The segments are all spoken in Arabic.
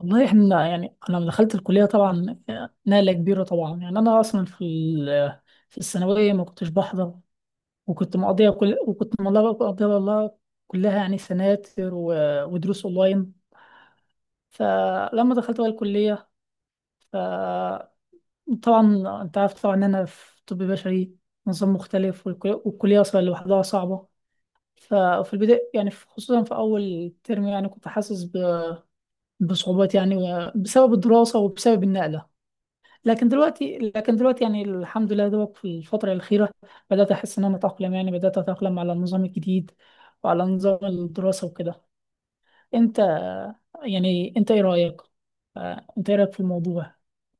والله احنا يعني انا لما دخلت الكليه طبعا، نقله كبيره طبعا. يعني انا اصلا في الثانويه ما كنتش بحضر. وكنت مقضيها والله كلها، يعني سناتر ودروس اونلاين. فلما دخلت بقى الكليه، فطبعا انت عارف طبعا ان انا في طب بشري، نظام مختلف، والكليه اصلا لوحدها صعبه. ففي البدايه يعني خصوصا في اول ترم، يعني كنت حاسس بصعوبات يعني، بسبب الدراسه وبسبب النقله. لكن دلوقتي، يعني الحمد لله دوك في الفترة الأخيرة بدأت أحس إن أنا أتأقلم، يعني بدأت أتأقلم على النظام الجديد وعلى نظام الدراسة وكده. أنت يعني أنت إيه رأيك؟ أنت إيه رأيك في الموضوع؟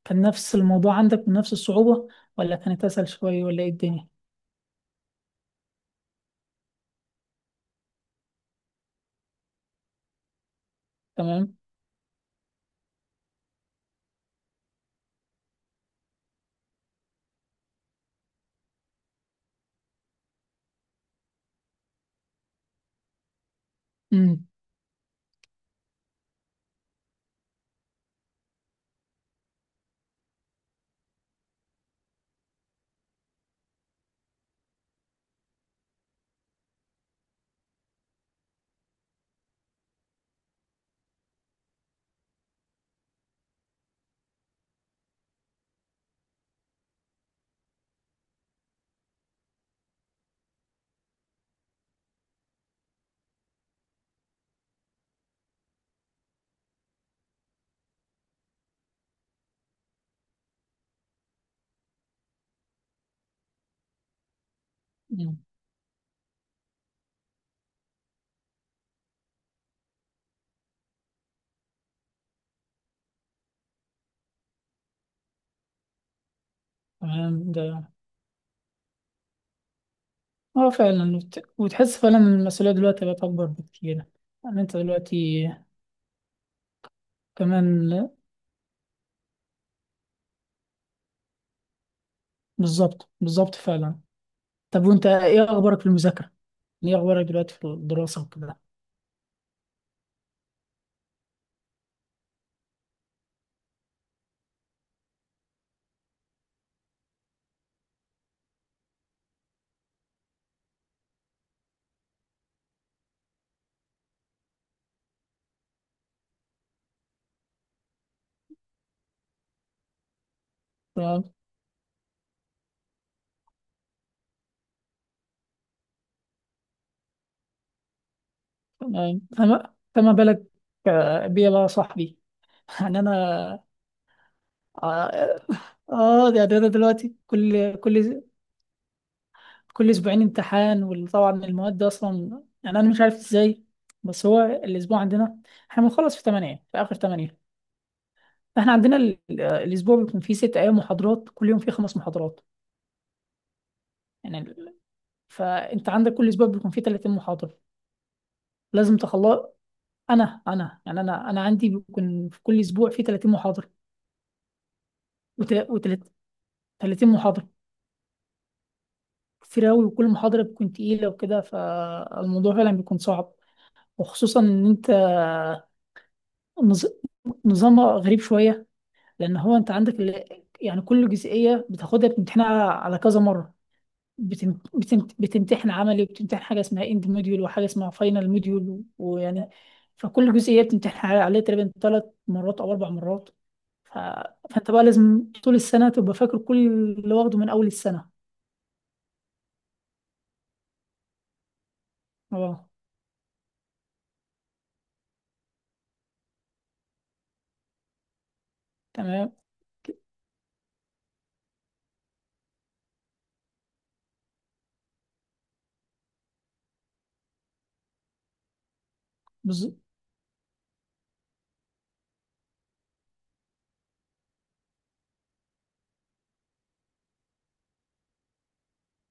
كان نفس الموضوع عندك بنفس الصعوبة، ولا كانت أسهل شوية، ولا إيه الدنيا؟ تمام؟ أمم. أمم، تمام ده. أه فعلا، وتحس فعلا إن المسؤولية دلوقتي بقت أكبر بكتير. يعني أنت دلوقتي كمان. بالظبط بالظبط فعلا. طب وأنت إيه أخبارك في المذاكرة؟ ايه اخبارك دلوقتي في الدراسه وكده؟ تمام تمام. فما بالك؟ بيا بقى يا صاحبي يعني انا. اه. يعني انا دلوقتي كل اسبوعين امتحان، وطبعا المواد دي اصلا يعني انا مش عارف ازاي. بس هو الاسبوع عندنا، احنا بنخلص في 8، في اخر 8. فاحنا عندنا الاسبوع بيكون فيه 6 ايام محاضرات، كل يوم فيه 5 محاضرات. يعني فانت عندك كل اسبوع بيكون فيه 30 محاضره لازم تخلص. انا انا يعني انا انا عندي بيكون في كل اسبوع في 30 محاضره، و30 محاضره. كتير أوي، وكل محاضره بتكون تقيله وكده، فالموضوع فعلا بيكون صعب. وخصوصا ان انت نظ- نظامها غريب شويه، لان هو انت عندك يعني كل جزئيه بتاخدها بتمتحنها على كذا مره. بتمتحن عملي، وبتمتحن حاجه اسمها اند موديول، وحاجه اسمها فاينل موديول ويعني. فكل جزئيه بتمتحن عليها تقريبا 3 مرات او 4 مرات. ف... فانت بقى لازم طول السنة تبقى فاكر كل اللي واخده من أول السنة. اه تمام. ك- بز-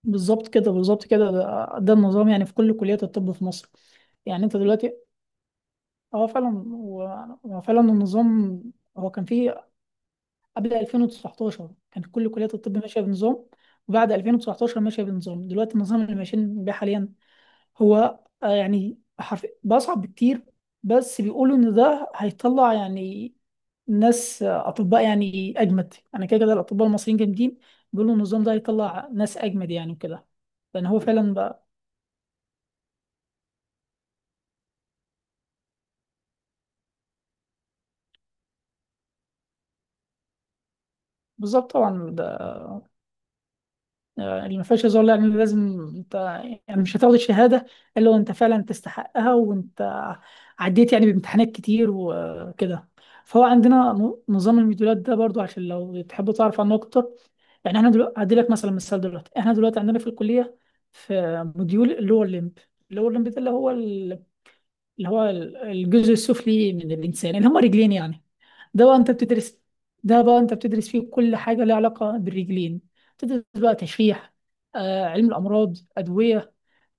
بالظبط كده، بالظبط كده، ده النظام يعني في كل كليات الطب في مصر. يعني انت دلوقتي. اه فعلا هو، فعلا النظام. هو كان فيه قبل 2019 كانت كل كليات الطب ماشية بنظام، وبعد 2019 ماشية بنظام دلوقتي، النظام اللي ماشيين بيه حاليا. هو يعني حرف بصعب بكتير. بس بيقولوا ان ده هيطلع يعني ناس اطباء يعني اجمد. يعني كده كده الاطباء المصريين جامدين، بيقولوا النظام ده هيطلع ناس اجمد يعني وكده، لان هو فعلا بقى. بالظبط طبعا. اللي ما فيهاش هزار. لا يعني لازم انت، يعني مش هتاخد الشهاده الا وانت فعلا تستحقها، وانت عديت يعني بامتحانات كتير وكده. فهو عندنا نظام الموديولات ده برضو، عشان لو تحب تعرف عنه اكتر. يعني احنا دلوقتي هدي لك مثلا مثال. دلوقتي احنا دلوقتي عندنا في الكليه في موديول اللور ليمب. اللور ليمب ده اللي هو، اللي هو الجزء السفلي من الإنسان اللي هما رجلين يعني. ده بقى أنت بتدرس ده بقى أنت بتدرس فيه كل حاجة لها علاقة بالرجلين. تدرس بقى تشريح، علم الأمراض، أدوية،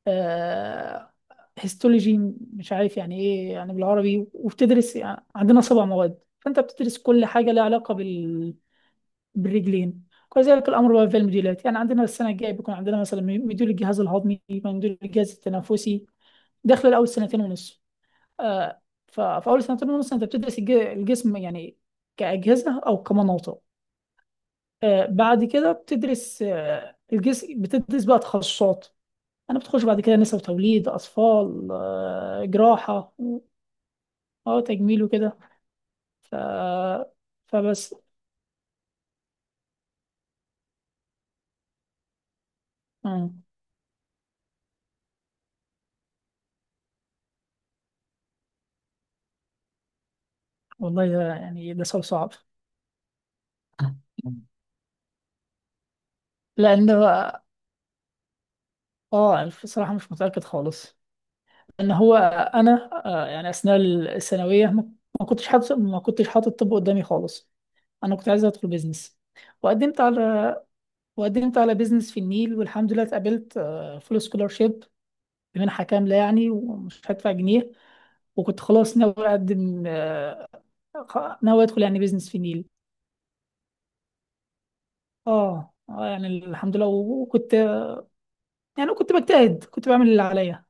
آه، هيستولوجي، مش عارف يعني إيه يعني بالعربي. وبتدرس يعني عندنا سبع مواد، فأنت بتدرس كل حاجة لها علاقة بالرجلين. وكذلك الأمر بقى في المديولات، يعني عندنا السنة الجاية بيكون عندنا مثلا مديول الجهاز الهضمي، مديول الجهاز التنفسي. داخل الأول سنتين ونص. آه، ففي اول سنتين مثلا انت بتدرس الجسم يعني كاجهزه او كمناطق. بعد كده بتدرس الجسم، بتدرس بقى تخصصات. انا بتخش بعد كده نساء وتوليد، اطفال، جراحه. اه تجميل وكده. ف... فبس. آه، والله ده يعني ده سؤال صعب. لان. اه بصراحه مش متاكد خالص. ان هو انا يعني اثناء الثانويه ما كنتش حاطط، طب قدامي خالص. انا كنت عايزه ادخل بيزنس. وقدمت على وقدمت على بيزنس في النيل، والحمد لله اتقابلت فول سكولارشيب بمنحه كامله يعني، ومش هدفع جنيه. وكنت خلاص ناوي اقدم، ناوي ادخل يعني بيزنس في النيل. اه اه، يعني الحمد لله. وكنت يعني كنت بجتهد، كنت بعمل اللي عليا.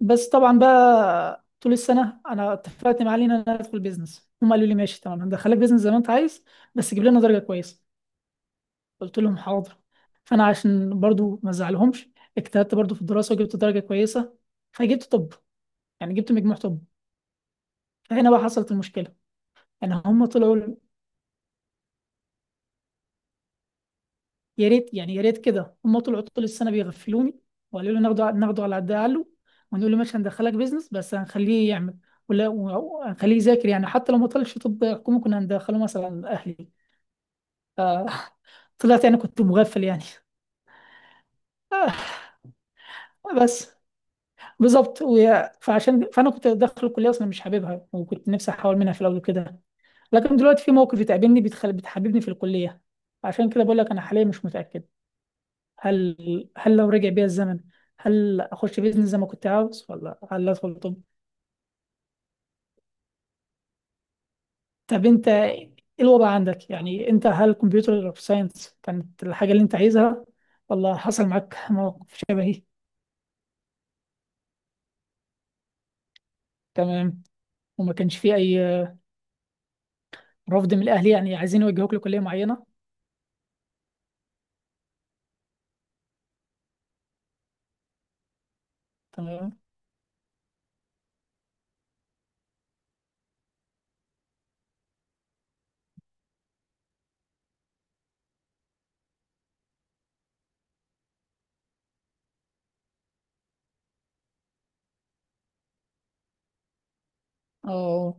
بس طبعا بقى طول السنه انا اتفقت مع علي ان انا ادخل بيزنس، هم قالوا لي ماشي تمام هندخلك بيزنس زي ما انت عايز، بس جيب لنا درجه كويسه. قلت لهم حاضر. فانا عشان برضو ما ازعلهمش، اجتهدت برضو في الدراسه وجبت درجه كويسه، فجبت طب. يعني جبت مجموع طب. فهنا بقى حصلت المشكله. يعني هم طلعوا، يا ريت يعني يا ريت كده، هم طلعوا طول السنه بيغفلوني، وقالوا لي ناخده على قد عقله، ونقول له ماشي هندخلك بيزنس، بس هنخليه يعمل ولا هنخليه يذاكر. يعني حتى لو ما طلعش طب حكومه كنا هندخله مثلا اهلي. آه، طلعت يعني كنت مغفل يعني بس بالظبط. فعشان فانا كنت داخل الكليه اصلا مش حاببها، وكنت نفسي احاول منها في الاول كده. لكن دلوقتي في مواقف بتقابلني بتحببني في الكليه. عشان كده بقول لك انا حاليا مش متاكد. هل هل لو رجع بيا الزمن، هل اخش بيزنس زي ما كنت عاوز، ولا هل ادخل طب. طب انت ايه الوضع عندك؟ يعني انت هل كمبيوتر ساينس كانت الحاجه اللي انت عايزها، ولا حصل معاك موقف شبهي؟ تمام. وما كانش فيه اي رفض من الاهل يعني عايزين يوجهوك لكليه معينه؟ تمام. اه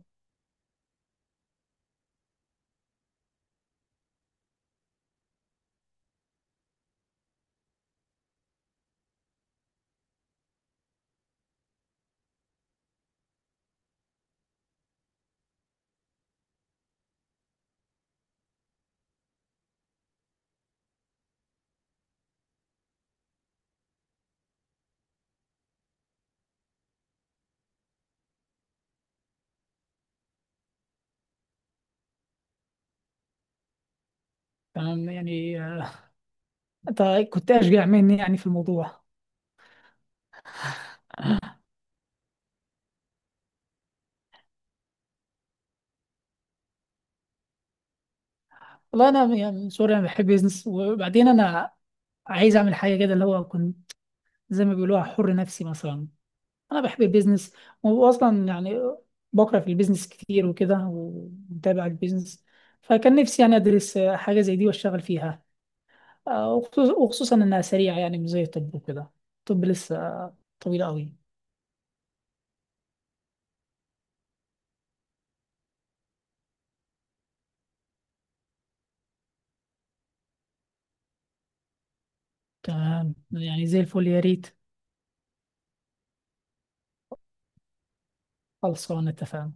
تمام يعني. انت كنت اشجع مني يعني في الموضوع. والله انا يعني من سوري انا بحب بيزنس، وبعدين انا عايز اعمل حاجه كده اللي هو كنت زي ما بيقولوها حر نفسي مثلا. انا بحب البيزنس، واصلا يعني بقرا في البيزنس كتير وكده، ومتابع البيزنس. فكان نفسي يعني ادرس حاجه زي دي واشتغل فيها. وخصوصا انها سريعه يعني مش زي الطب وكده. الطب لسه طويل قوي. تمام يعني زي الفل يا ريت. خلصانه اتفقنا.